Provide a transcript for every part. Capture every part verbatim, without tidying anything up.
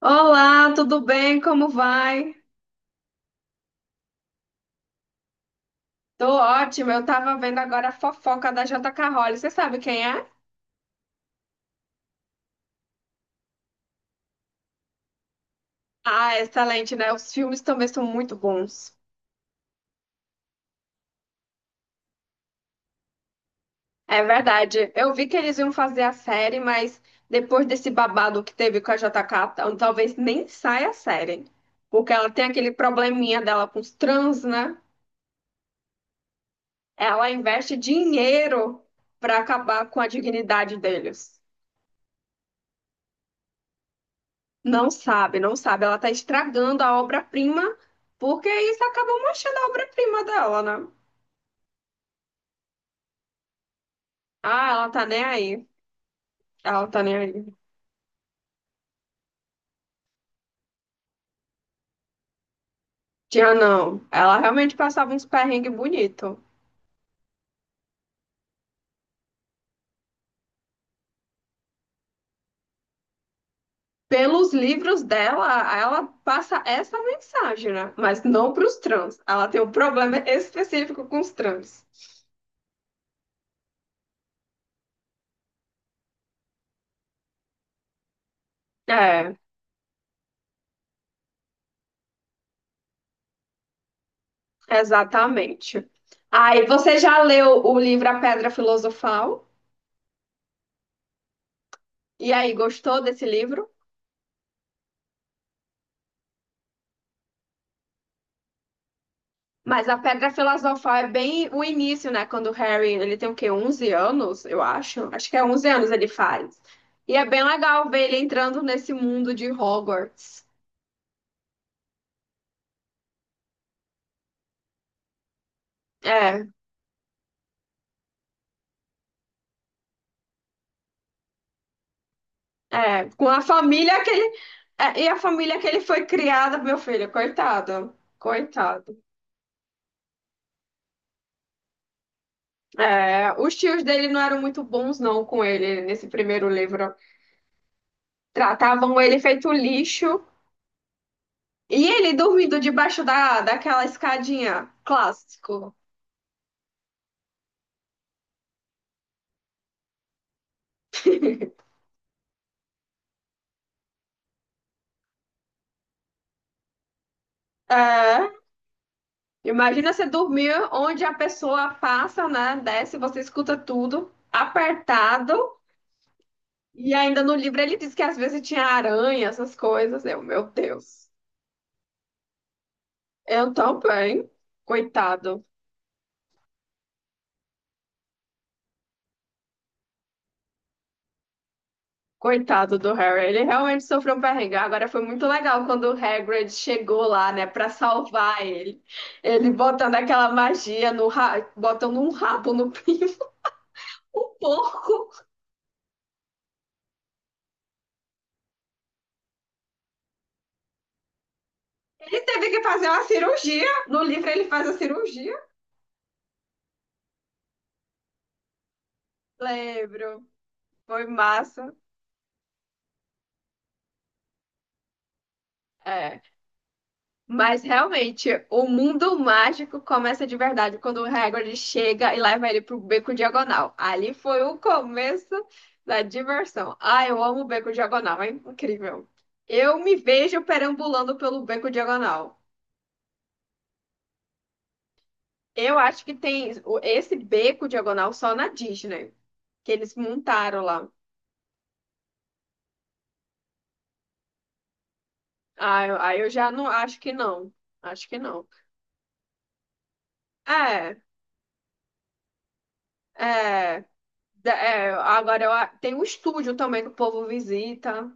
Olá, tudo bem? Como vai? Tô ótima. Eu tava vendo agora a fofoca da J K. Rowling. Você sabe quem é? Ah, excelente, né? Os filmes também são muito bons. É verdade. Eu vi que eles iam fazer a série, mas depois desse babado que teve com a J K, tal- talvez nem saia a série. Porque ela tem aquele probleminha dela com os trans, né? Ela investe dinheiro pra acabar com a dignidade deles. Não sabe, não sabe. Ela tá estragando a obra-prima, porque isso acaba manchando a obra-prima dela, né? Ah, ela tá nem aí. Ela tá nem aí. Tinha não. Ela realmente passava uns perrengues bonito. Pelos livros dela, ela passa essa mensagem, né? Mas não pros trans. Ela tem um problema específico com os trans. É, exatamente. Aí, você já leu o livro A Pedra Filosofal? E aí, gostou desse livro? Mas a Pedra Filosofal é bem o início, né? Quando o Harry, ele tem o quê? onze anos, eu acho. Acho que é onze anos ele faz. E é bem legal ver ele entrando nesse mundo de Hogwarts. É, é. Com a família que ele... É, e a família que ele foi criada, meu filho, coitado. Coitado. É, os tios dele não eram muito bons, não, com ele nesse primeiro livro. Tratavam ele feito lixo. E ele dormindo debaixo da, daquela escadinha. Clássico. É. Imagina você dormir onde a pessoa passa, né? Desce, você escuta tudo, apertado. E ainda no livro ele diz que às vezes tinha aranha, essas coisas. Eu, meu Deus. Eu também. Coitado. Coitado do Harry. Ele realmente sofreu um perrengue. Agora foi muito legal quando o Hagrid chegou lá, né, pra salvar ele. Ele botando aquela magia no ra... botando um rabo no pinto. O porco. Ele teve que fazer uma cirurgia. No livro ele faz a cirurgia. Lembro. Foi massa. É. Mas realmente, o mundo mágico começa de verdade quando o Hagrid chega e leva ele pro beco diagonal. Ali foi o começo da diversão. Ah, eu amo o beco diagonal, é incrível. Eu me vejo perambulando pelo beco diagonal. Eu acho que tem o- esse beco diagonal só na Disney, que eles montaram lá. Ah, eu, aí eu já não acho que não. Acho que não. É, é. É, agora eu, a- tem um estúdio também que o povo visita,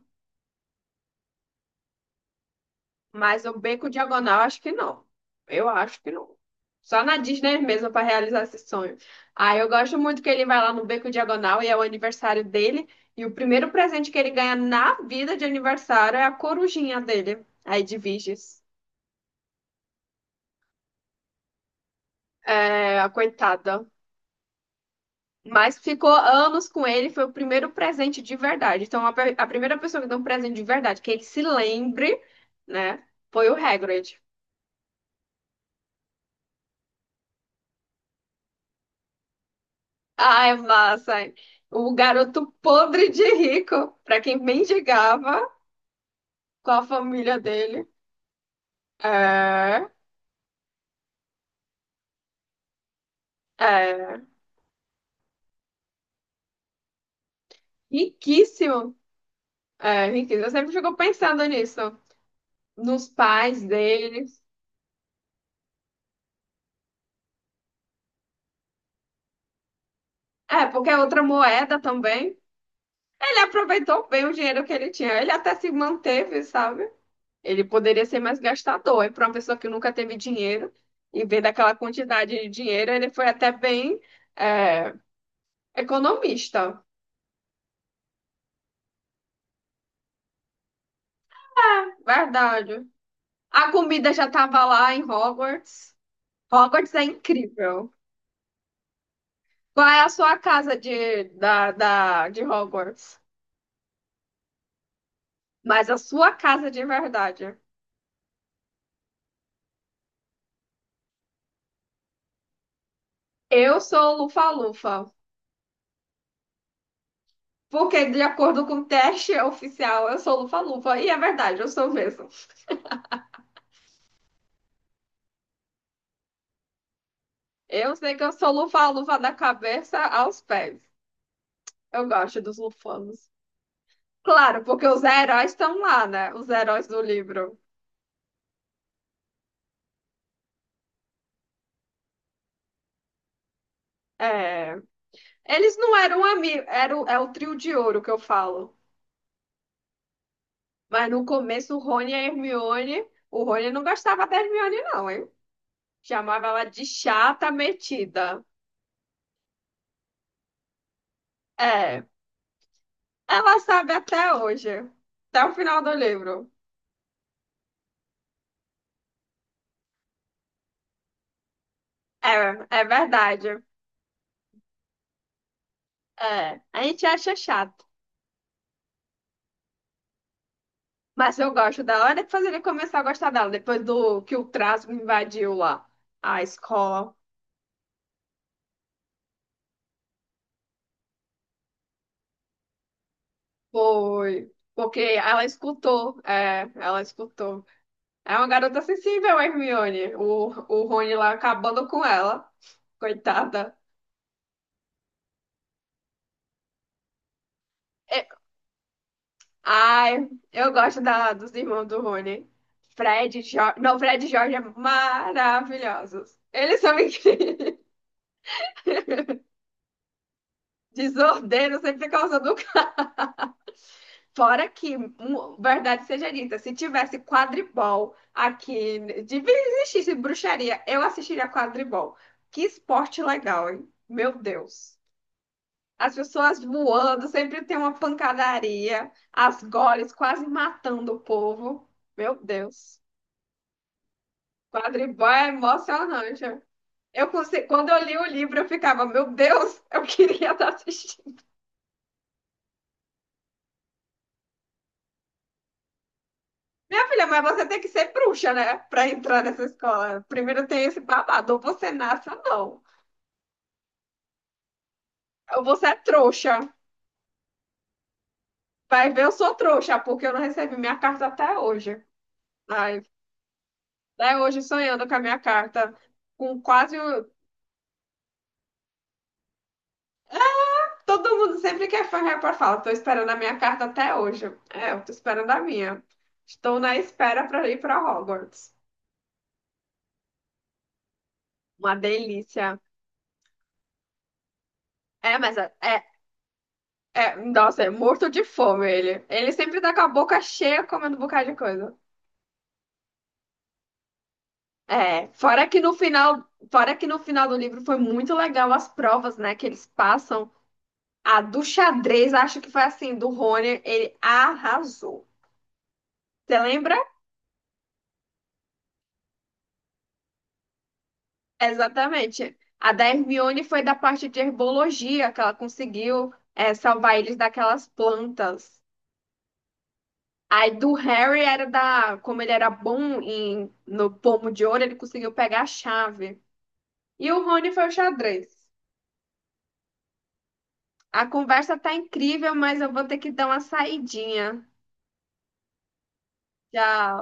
mas o Beco Diagonal acho que não. Eu acho que não. Só na Disney mesmo para realizar esse sonho. Ah, eu gosto muito que ele vai lá no Beco Diagonal e é o aniversário dele. E o primeiro presente que ele ganha na vida de aniversário é a corujinha dele. Aí de Viges. É, a coitada. Mas ficou anos com ele, foi o primeiro presente de verdade. Então, a, pe- a primeira pessoa que deu um presente de verdade, que ele se lembre, né, foi o Hagrid. Ai, massa! O garoto podre de rico, pra quem mendigava com a família dele. É, é, riquíssimo. É, riquíssimo. Eu sempre fico pensando nisso, nos pais deles. É, porque é outra moeda também. Ele aproveitou bem o dinheiro que ele tinha. Ele até se manteve, sabe? Ele poderia ser mais gastador. E para uma pessoa que nunca teve dinheiro, em vez daquela quantidade de dinheiro, ele foi até bem é, economista. Verdade. A comida já estava lá em Hogwarts. Hogwarts é incrível. Qual é a sua casa de, da, da, de Hogwarts? Mas a sua casa de verdade. Eu sou Lufa-Lufa. Porque, de acordo com o teste oficial, eu sou Lufa-Lufa. E é verdade, eu sou mesmo. Eu sei que eu sou luva-luva da cabeça aos pés. Eu gosto dos lufanos. Claro, porque os heróis estão lá, né? Os heróis do livro. É. Eles não eram amigos, era o, é o trio de ouro que eu falo. Mas no começo, o Rony e a Hermione. O Rony não gostava da Hermione, não, hein? Chamava ela de chata metida. É. Ela sabe até hoje. Até o final do livro. É, é verdade. É. A gente acha chato. Mas eu gosto dela. Ela depois ele começou a gostar dela, depois do que o Trasgo invadiu lá a escola. Foi. Porque ela escutou. É, ela escutou. É uma garota sensível, a Hermione. O, o Rony lá acabando com ela. Coitada. É, ai, eu gosto da, dos irmãos do Rony. Fred, Jorge. Não, Fred e Jorge é maravilhosos. Eles são incríveis. Desordeiro sempre causando. Fora que, mu- verdade seja dita, se tivesse quadribol aqui, devia existisse bruxaria, eu assistiria quadribol. Que esporte legal, hein? Meu Deus. As pessoas voando, sempre tem uma pancadaria, as goles quase matando o povo. Meu Deus. Quadribol é emocionante. Eu conse- Quando eu li o livro, eu ficava, meu Deus, eu queria estar assistindo. Minha filha, mas você tem que ser bruxa, né? Pra entrar nessa escola. Primeiro tem esse babado. Ou você nasce ou não. Ou você é trouxa. Vai ver, eu sou trouxa, porque eu não recebi minha carta até hoje. Ai, até hoje sonhando com a minha carta. Com quase. o- É, todo mundo sempre quer falar pra falar. Tô esperando a minha carta até hoje. É, eu tô esperando a minha. Estou na espera para ir para Hogwarts. Uma delícia. É, mas é, é é, nossa, é morto de fome ele. Ele sempre tá com a boca cheia comendo um bocado de coisa. É, fora que no final, fora que no final do livro foi muito legal as provas, né, que eles passam. A do xadrez, acho que foi assim, do Rony, ele arrasou. Você lembra? Exatamente. A da Hermione foi da parte de herbologia, que ela conseguiu, é, salvar eles daquelas plantas. Aí do Harry era da, como ele era bom em, no pomo de ouro, ele conseguiu pegar a chave. E o Rony foi o xadrez. A conversa tá incrível, mas eu vou ter que dar uma saidinha. Tchau.